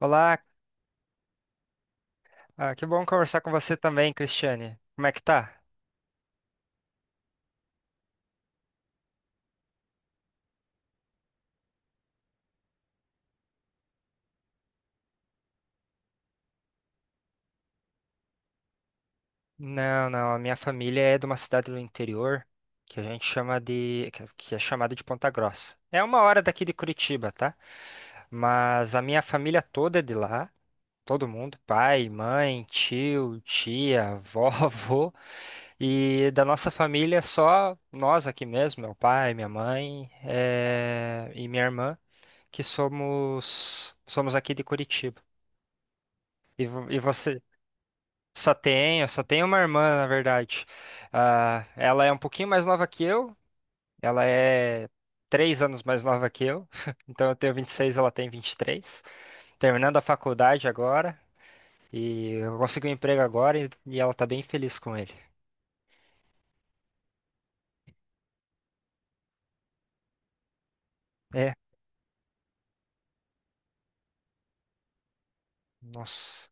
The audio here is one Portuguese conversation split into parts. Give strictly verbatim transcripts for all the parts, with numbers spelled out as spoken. Olá, ah, que bom conversar com você também, Cristiane. Como é que tá? Não, não, a minha família é de uma cidade do interior que a gente chama de, que que é chamada de Ponta Grossa. É uma hora daqui de Curitiba, tá? Mas a minha família toda é de lá, todo mundo, pai, mãe, tio, tia, vó, avô. E da nossa família, só nós aqui mesmo, meu pai, minha mãe, eh, e minha irmã, que somos somos aqui de Curitiba. E, vo- e você? Só tenho, só tenho uma irmã, na verdade. Ah, ela é um pouquinho mais nova que eu. Ela é três anos mais nova que eu. Então eu tenho vinte e seis, ela tem vinte e três. Terminando a faculdade agora. E eu consegui um emprego agora e, e ela tá bem feliz com ele. É, nossa.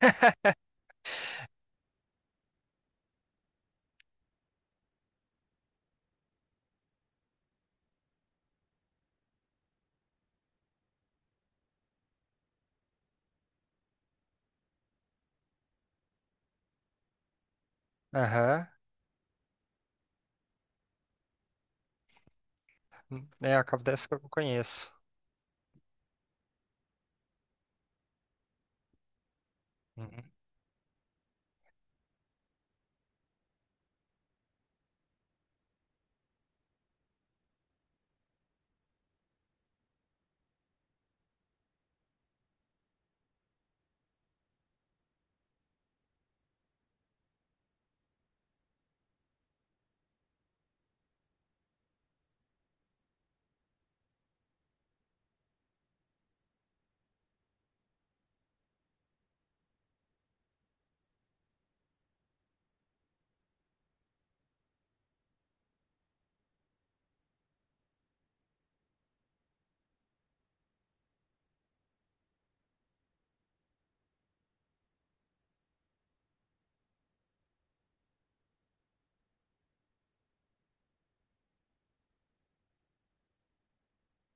Aham. É, acontece que eu não conheço. Uhum.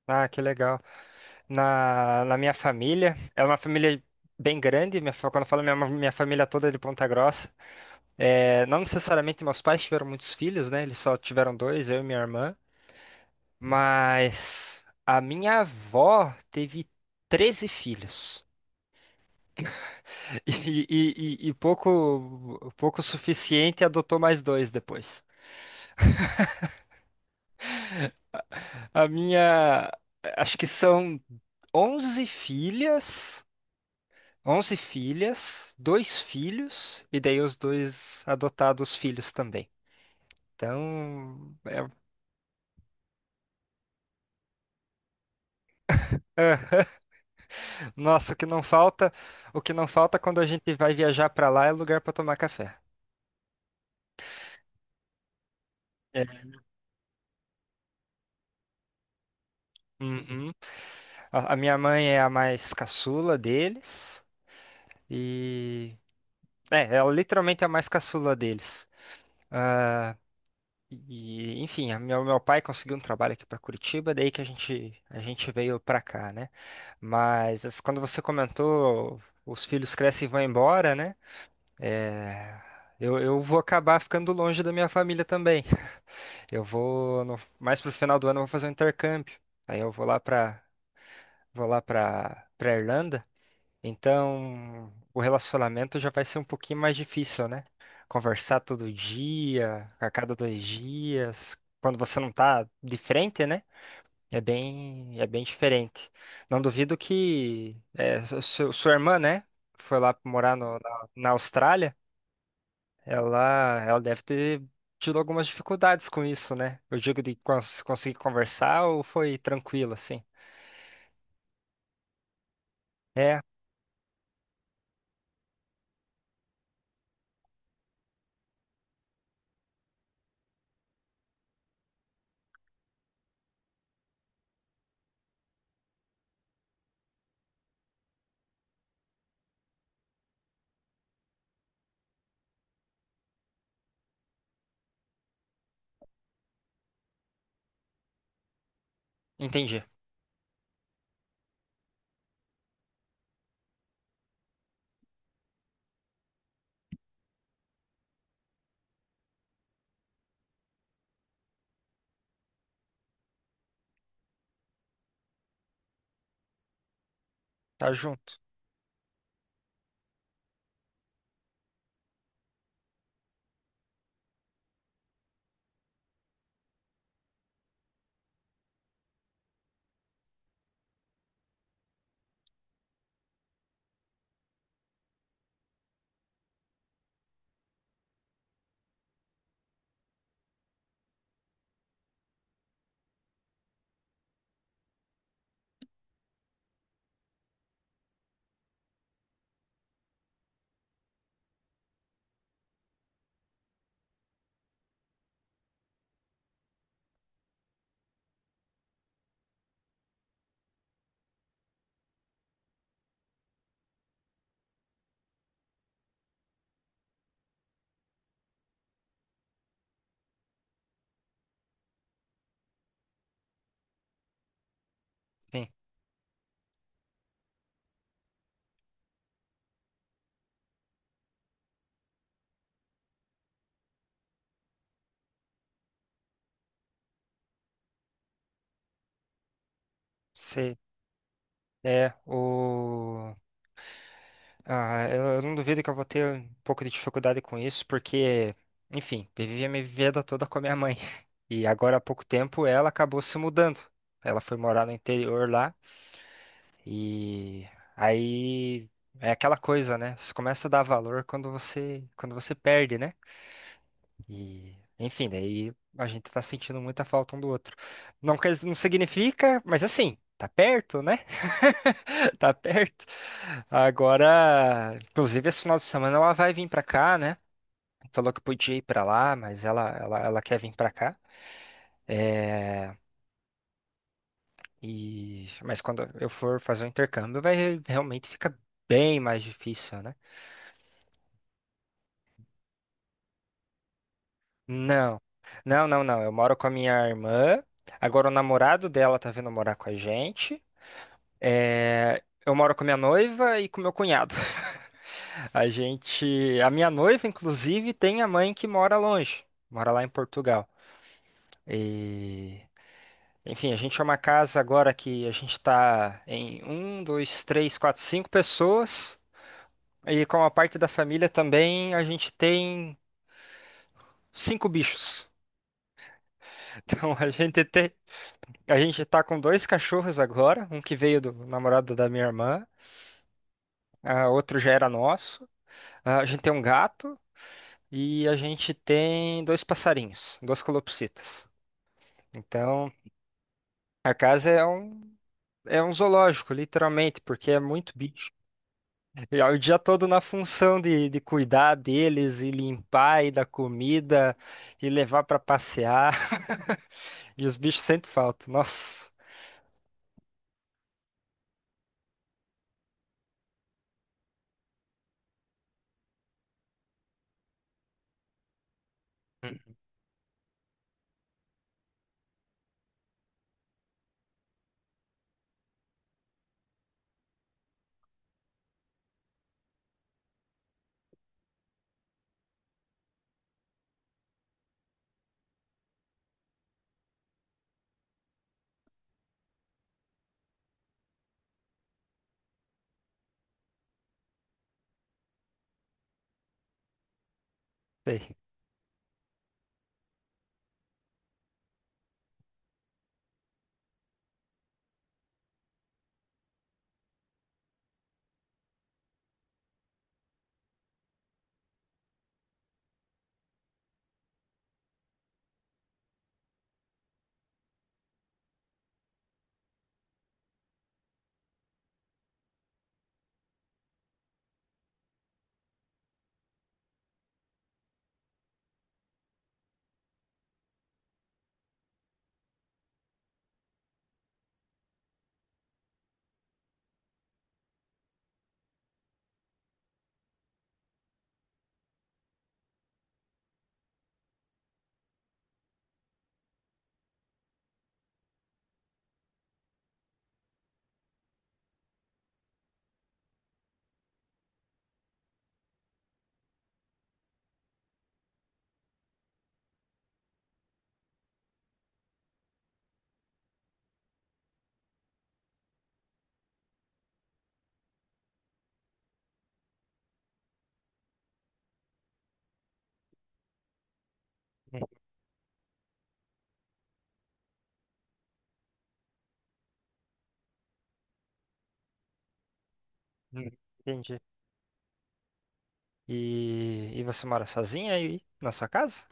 Ah, que legal. Na, na minha família, é uma família bem grande. Minha, fa- quando eu falo minha, minha família toda é de Ponta Grossa. É, não necessariamente meus pais tiveram muitos filhos, né? Eles só tiveram dois, eu e minha irmã. Mas a minha avó teve treze filhos. E, e- e- e pouco, pouco suficiente, adotou mais dois depois. A minha. Acho que são onze filhas. Onze filhas, dois filhos, e daí os dois adotados filhos também. Então, é, é, nossa, o que não falta, o que não falta quando a gente vai viajar pra lá é lugar pra tomar café. É. Uhum. A, a minha mãe é a mais caçula deles e é, ela literalmente é a mais caçula deles. Ah, e enfim, a meu, meu pai conseguiu um trabalho aqui pra Curitiba, daí que a gente a gente veio pra cá, né? Mas as- quando você comentou, os filhos crescem e vão embora, né? É, eu, eu vou acabar ficando longe da minha família também. Eu vou no- mais pro final do ano eu vou fazer um intercâmbio. Aí eu vou lá pra Vou lá para para Irlanda. Então, o relacionamento já vai ser um pouquinho mais difícil, né? Conversar todo dia, a cada dois dias, quando você não tá de frente, né? É bem é bem diferente. Não duvido que é, su- su- sua irmã, né, foi lá morar no- na na Austrália. Ela, ela deve ter tido algumas dificuldades com isso, né? Eu digo de cons- conseguir conversar ou foi tranquilo, assim? É, entendi. Tá junto. Sim. Você é o. Ah, eu eu não duvido que eu vou ter um pouco de dificuldade com isso, porque, enfim, vivi a minha vida toda com a minha mãe. E agora há pouco tempo ela acabou se mudando. Ela foi morar no interior lá. E aí é aquela coisa, né? Você começa a dar valor quando você quando você perde, né? E enfim, daí a gente tá sentindo muita falta um do outro. Não quer, não significa, mas assim, tá perto, né? Tá perto. Agora, inclusive esse final de semana ela vai vir pra cá, né? Falou que podia ir pra lá, mas ela ela, ela quer vir pra cá. É, e mas quando eu for fazer o intercâmbio, vai realmente fica bem mais difícil, né? Não, não, não, não. Eu moro com a minha irmã. Agora o namorado dela tá vindo morar com a gente. É, Eu moro com a minha noiva e com meu cunhado. A gente, a minha noiva, inclusive, tem a mãe que mora longe, mora lá em Portugal. E, enfim, a gente é uma casa agora que a gente está em um, dois, três, quatro, cinco pessoas. E com a parte da família também a gente tem cinco bichos. Então a gente tem a gente tá com dois cachorros agora, um que veio do namorado da minha irmã, ah, outro já era nosso. Ah, a gente tem um gato e a gente tem dois passarinhos, duas calopsitas. Então, a casa é um, é um zoológico, literalmente, porque é muito bicho. E é o dia todo na função de, de cuidar deles e limpar e dar comida e levar pra passear. E os bichos sentem falta. Nossa, sei. Entendi. E, e você mora sozinha aí na sua casa?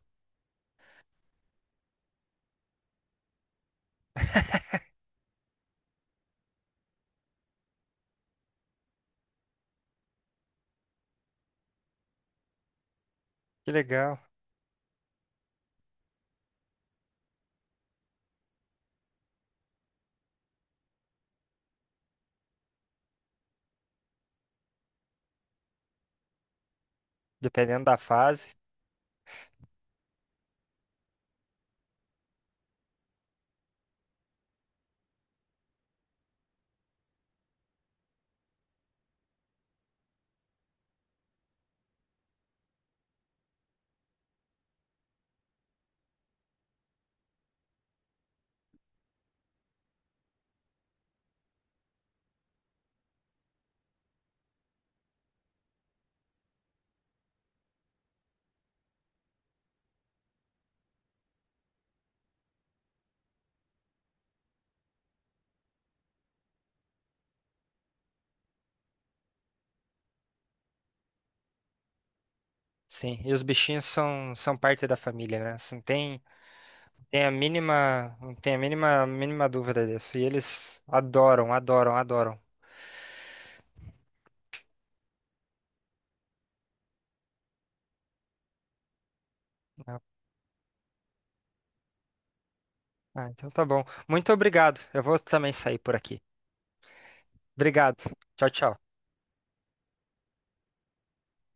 Que legal. Dependendo da fase. Sim, e os bichinhos são, são parte da família, né? Assim, não tem, tem a mínima, não tem a mínima, mínima dúvida disso. E eles adoram, adoram, adoram. Né? Ah, então tá bom. Muito obrigado. Eu vou também sair por aqui. Obrigado. Tchau, tchau.